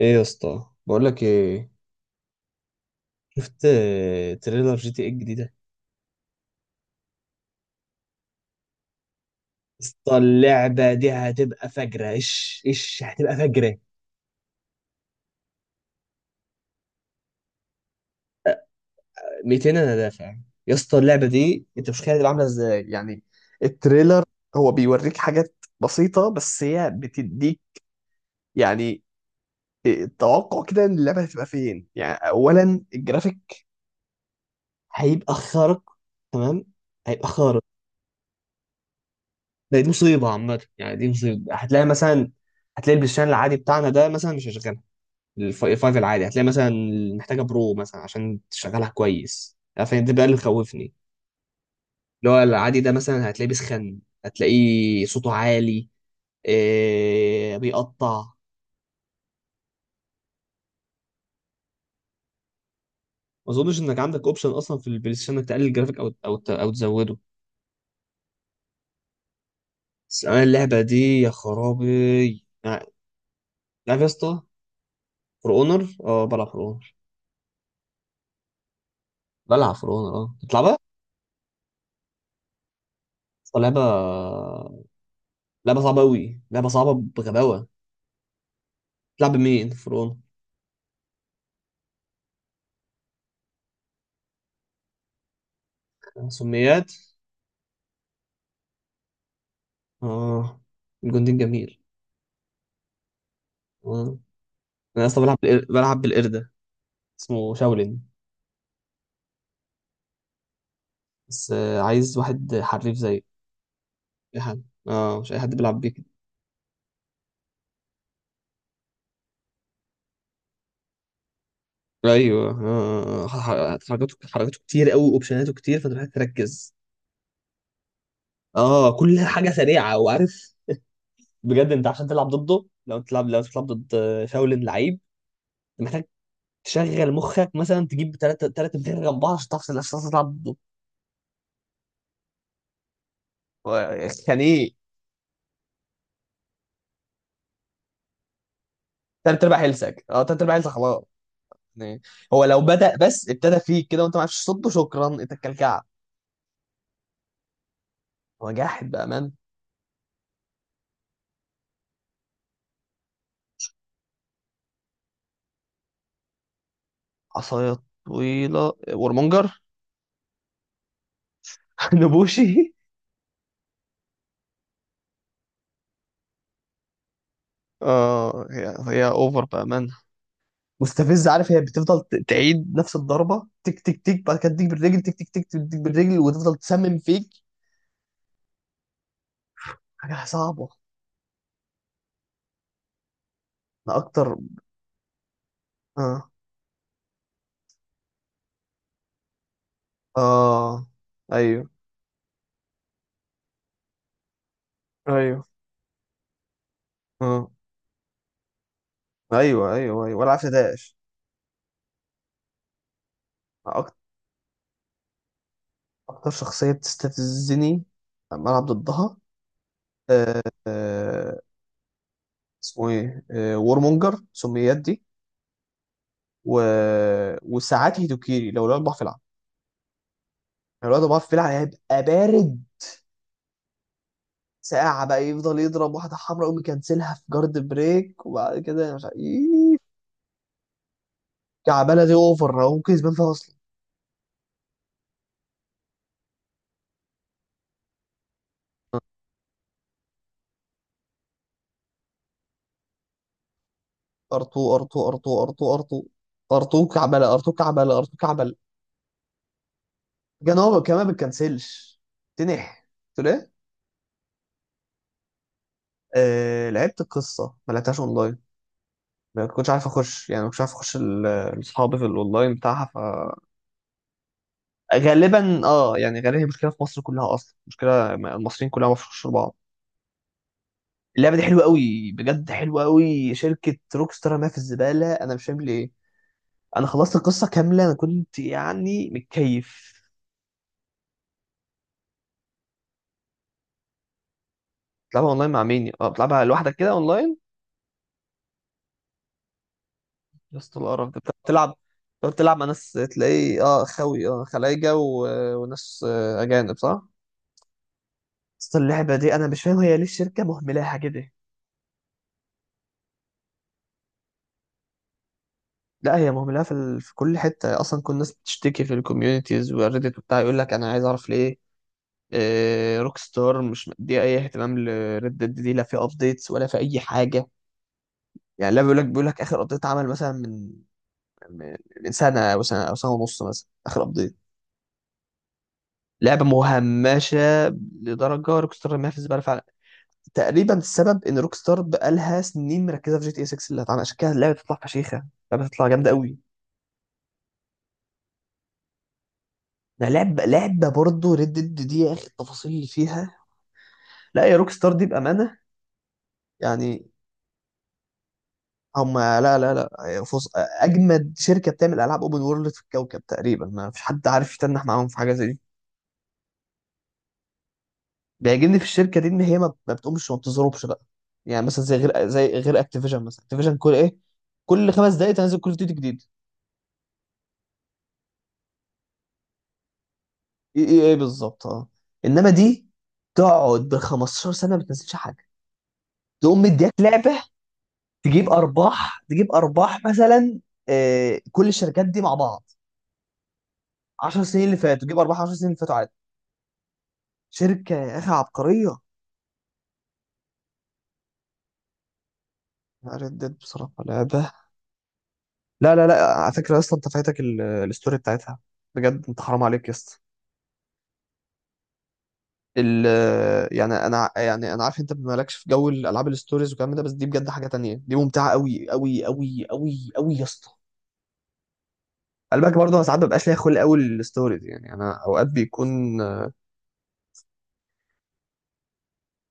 ايه يا اسطى، بقول لك ايه؟ شفت تريلر جي تي ايه الجديده؟ اسطى، اللعبه دي هتبقى فجره، ايش هتبقى فجره. 200 انا دافع. يا اسطى اللعبه دي انت مش متخيل هتبقى عامله ازاي، يعني التريلر هو بيوريك حاجات بسيطه بس هي بتديك. يعني التوقع كده ان اللعبه هتبقى فين، يعني اولا الجرافيك هيبقى خارق، تمام؟ هيبقى خارق. دي مصيبه عامه، يعني دي مصيبه. هتلاقي مثلا، هتلاقي البلاي ستيشن العادي بتاعنا ده مثلا مش هيشغل الفايف العادي. هتلاقي مثلا محتاجه برو مثلا عشان تشغلها كويس، فاهم؟ ده بقى اللي مخوفني. اللي هو العادي ده مثلا هتلاقيه بيسخن، هتلاقيه صوته عالي، إيه، بيقطع. ما اظنش انك عندك اوبشن اصلا في البلاي ستيشن انك تقلل الجرافيك او تزوده. بس انا اللعبه دي، يا خرابي يعني- عارف يا اسطى؟ فور اونر. اه بلعب فور اونر اه بتلعبها. أصلاً لعبه، لعبه صعبه قوي، لعبه صعبه بغباوه. بتلعب مين فور اونر؟ سميات؟ اه، الجندي جميل. اه، انا اصلا بلعب بلعب بالقردة، اسمه شاولين. بس عايز واحد حريف، زي اي حد. اه مش اي حد بيلعب بيه كده. ايوه، حركاته كتير قوي، اوبشناته كتير، فانت محتاج تركز. اه كل حاجه سريعه، وعارف بجد، انت عشان تلعب ضده، لو انت تلعب لو أنت بتلعب ضد شاولين لعيب، انت محتاج تشغل مخك، مثلا تجيب ثلاثه ثلاثه بتلعب جنب بعض عشان تعرف، عشان تعرف تلعب ضده. آه، يعني ايه؟ تلات ارباع هيلثك، اه تلات ارباع هيلثك خلاص، يعني. هو لو بدأ، بس ابتدى فيك كده وانت ما عرفتش تصده، شكرا، انت الكلكعب. هو جاحد بأمان. عصاية طويلة ورمونجر. نبوشي. اه، هي هي اوفر بأمان، مستفزة، عارف، هي بتفضل تعيد نفس الضربة، تك تك تك، بعد كده تديك بالرجل، تك تك تك، تديك بالرجل، وتفضل تسمم فيك. حاجة صعبة. انا اكتر. اه، اه، ايوه، ايوه، اه، ايوه ايوه ايوه، ولا عارف ده. اكتر اكتر شخصية بتستفزني لما العب ضدها. آه، آه، اسمه ايه؟ وورمونجر، سميات دي. و... وساعات هيدوكيري، لو الولد ضعف في العب، لو الولد ضعف في العب هيبقى بارد. ساعة بقى يفضل يضرب واحدة حمراء، يقوم يكنسلها في جارد بريك، وبعد كده مش عارف إيه. كعبالة دي اوفر، هو ممكن يسبان فيها اصلا. ار2 ار2 ار2 ار2 ار2. ار2 كعبالة، ار2 كعبالة، ار2 كعبالة. كان هو كمان ما بتكنسلش، تنح. قلت له ايه؟ لعبت القصة، ما لعبتهاش اونلاين. ما كنتش عارف اخش، يعني ما كنتش عارف اخش الاصحاب في الاونلاين بتاعها. فغالبا اه، يعني غالبا هي مشكله في مصر كلها، اصلا مشكله المصريين كلها، ما بيعرفوش بعض. اللعبه دي حلوه قوي، بجد حلوه قوي. شركه روكستار رماها في الزباله، انا مش فاهم ليه. انا خلصت القصه كامله، انا كنت يعني متكيف. بتلعبها اونلاين مع مين؟ اه، بتلعبها لوحدك كده اونلاين؟ يا اسطى، القرف ده بتلعب، تلعب، تقعد تلعب مع ناس، تلاقي اه، خوي، اه، خلايجه، وناس اجانب، صح؟ اصل اللعبه دي انا مش فاهم، هي ليه الشركه مهملاها كده؟ لا هي مهملة في كل حتة أصلا. كل الناس بتشتكي في الكوميونيتيز والريديت وبتاع، يقول لك أنا عايز أعرف ليه إيه روك ستار مش مديه أي اهتمام لريد ديد دي، لا في أبديتس ولا في أي حاجة. يعني لا، بيقول لك آخر أبديت عمل مثلا من من من سنة أو سنة أو سنة ونص مثلا آخر أبديت. لعبة مهمشة لدرجة، روك ستار ما في زبالة فعلا. تقريبا السبب إن روك ستار بقالها سنين مركزة في جي تي إيه 6 اللي هتعمل، عشان كده اللعبة تطلع فشيخة، اللعبة تطلع جامدة قوي. ده لعبة، برضه ريد ديد دي، يا اخي، التفاصيل اللي فيها، لا يا روك ستار دي بأمانة، يعني. هم لا لا لا فص... اجمد شركة بتعمل العاب اوبن وورلد في الكوكب تقريبا. ما فيش حد عارف يتنح معاهم في حاجة زي دي. بيعجبني في الشركة دي ان هي ما بتقومش وما بتزربش بقى، يعني. مثلا زي غير اكتيفيجن مثلا، اكتيفيجن كل ايه، كل خمس دقايق تنزل كل فيديو جديد. ايه بالظبط، اه. انما دي تقعد ب 15 سنة ما بتنزلش حاجة، تقوم مديك لعبة تجيب ارباح مثلا. كل الشركات دي مع بعض 10 سنين اللي فاتوا تجيب ارباح، 10 سنين اللي فاتوا عادي. شركه يا اخي عبقريه. ريد ديد بصراحه لعبه، لا على فكره، اصلا انت فايتك الستوري بتاعتها، بجد انت حرام عليك يا اسطى. ال يعني انا، يعني انا عارف انت مالكش في جو الالعاب الستوريز والكلام ده، بس دي بجد حاجه تانية، دي ممتعه قوي قوي قوي قوي قوي يا اسطى. قلبك برضه، انا ساعات مبقاش ليا خلق قوي الستوريز، يعني انا اوقات بيكون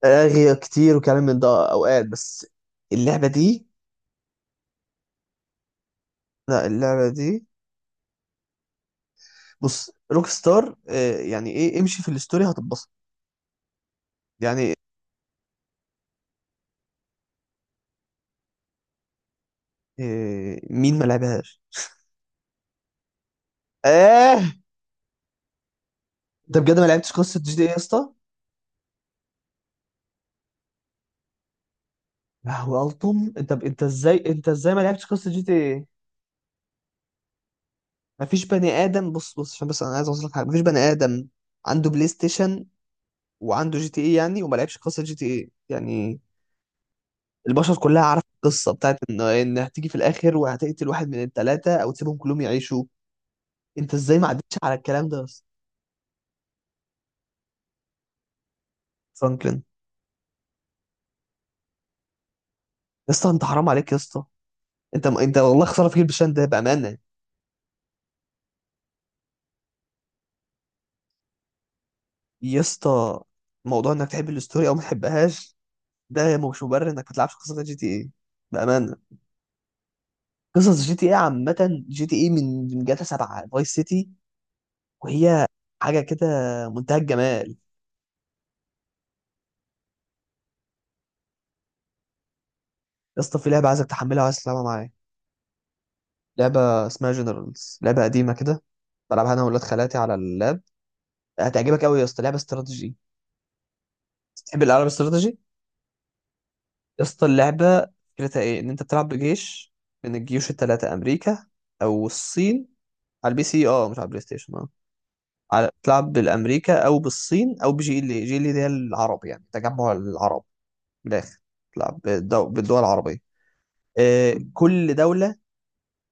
اغير كتير وكلام من ده اوقات، بس اللعبه دي، لا اللعبه دي، بص روك ستار، يعني ايه، امشي في الستوري هتتبسط. يعني مين ما لعبهاش؟ اه، انت بجد ما لعبتش قصه جي تي ايه يا اسطى؟ يا هو التوم، انت انت ازاي ما لعبتش قصه جي تي ايه؟ مفيش بني ادم، بص بص، عشان بس انا عايز اوصل لك حاجه، مفيش بني ادم عنده بلاي ستيشن وعنده جي تي ايه يعني، وما لعبش قصه جي تي ايه، يعني. البشر كلها عارفة القصة بتاعت إن هتيجي في الآخر وهتقتل واحد من التلاتة أو تسيبهم كلهم يعيشوا. أنت إزاي ما عدتش على الكلام ده يا اسطى؟ فرانكلين، يا اسطى أنت حرام عليك يا اسطى، أنت والله خسارة في البشان ده بأمانة. يا اسطى، موضوع إنك تحب الستوري أو ما تحبهاش ده مش مبرر إنك ما تلعبش قصة جي تي إيه، بأمانة. قصص جي تي إيه عامة، جي تي إيه من جاتا 7 فايس سيتي، وهي حاجة كده منتهى الجمال. يا اسطى، في لعبة عايزك تحملها وعايز تلعبها معايا، لعبة اسمها جنرالز، لعبة قديمة كده، بلعبها انا واولاد خالاتي على اللاب. هتعجبك قوي يا اسطى، لعبه استراتيجي. تحب الالعاب الاستراتيجي؟ يا اسطى، اللعبه فكرتها ايه، ان انت بتلعب بجيش من الجيوش الثلاثه، امريكا او الصين. على البي سي، اه، مش على البلاي ستيشن، اه. على بتلعب بالامريكا او بالصين او بجي ال اي، جي ال اي دي هي العرب يعني، تجمع العرب من الاخر. بتلعب بالدول العربيه. آه، كل دوله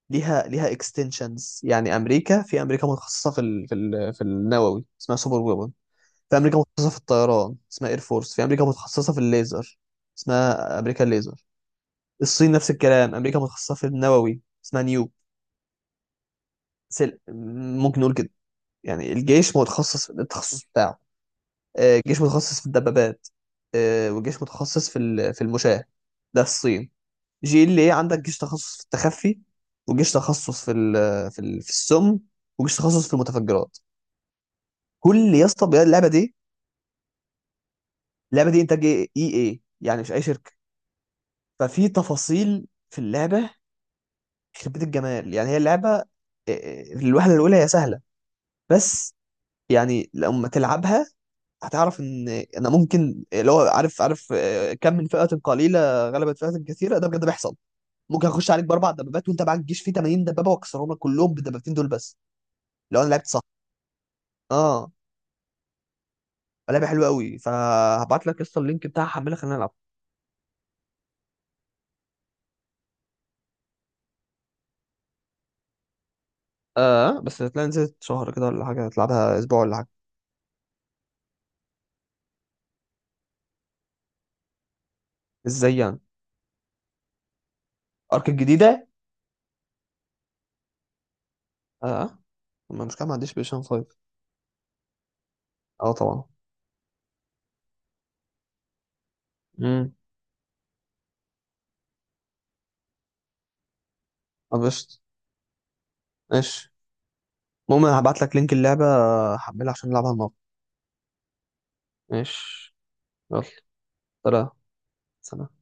ليها اكستنشنز. يعني امريكا، في امريكا متخصصه في النووي، اسمها سوبر ويبن. في امريكا متخصصه في الطيران، اسمها اير فورس. في امريكا متخصصه في الليزر، اسمها امريكا الليزر. الصين نفس الكلام، امريكا متخصصه في النووي اسمها نيو، ممكن نقول كده، يعني الجيش متخصص في التخصص بتاعه. الجيش متخصص في الدبابات، والجيش متخصص في المشاة، ده الصين. جي ال ايه عندك جيش تخصص في التخفي، وجيش تخصص في السم، وجيش تخصص في المتفجرات. كل يا اسطى، اللعبه دي، اللعبه دي انتاج اي اي يعني، مش اي شركه. ففي تفاصيل في اللعبة يخرب بيت الجمال، يعني. هي اللعبة الوهلة الأولى هي سهلة، بس يعني لما تلعبها هتعرف ان، انا ممكن اللي هو عارف، كم من فئة قليلة غلبت فئة كثيرة، ده بجد بيحصل. ممكن اخش عليك باربع دبابات وانت معاك جيش فيه 80 دبابة، واكسرهم لك كلهم بالدبابتين دول بس، لو انا لعبت صح. اه، لعبة حلوة قوي، فهبعت لك قصة اللينك بتاعها، حملها، خلينا نلعب. اه، بس هتلاقي نزلت شهر كده ولا حاجة، هتلعبها اسبوع ولا حاجة. ازاي يعني؟ ارك الجديدة؟ اه، ما مش كده، ما عنديش بلاي 5. اه طبعا. امم، قفشت، ماشي. المهم هبعت لك لينك اللعبة، هحملها عشان نلعبها النهارده. ماشي، يلا، سلام. سلام.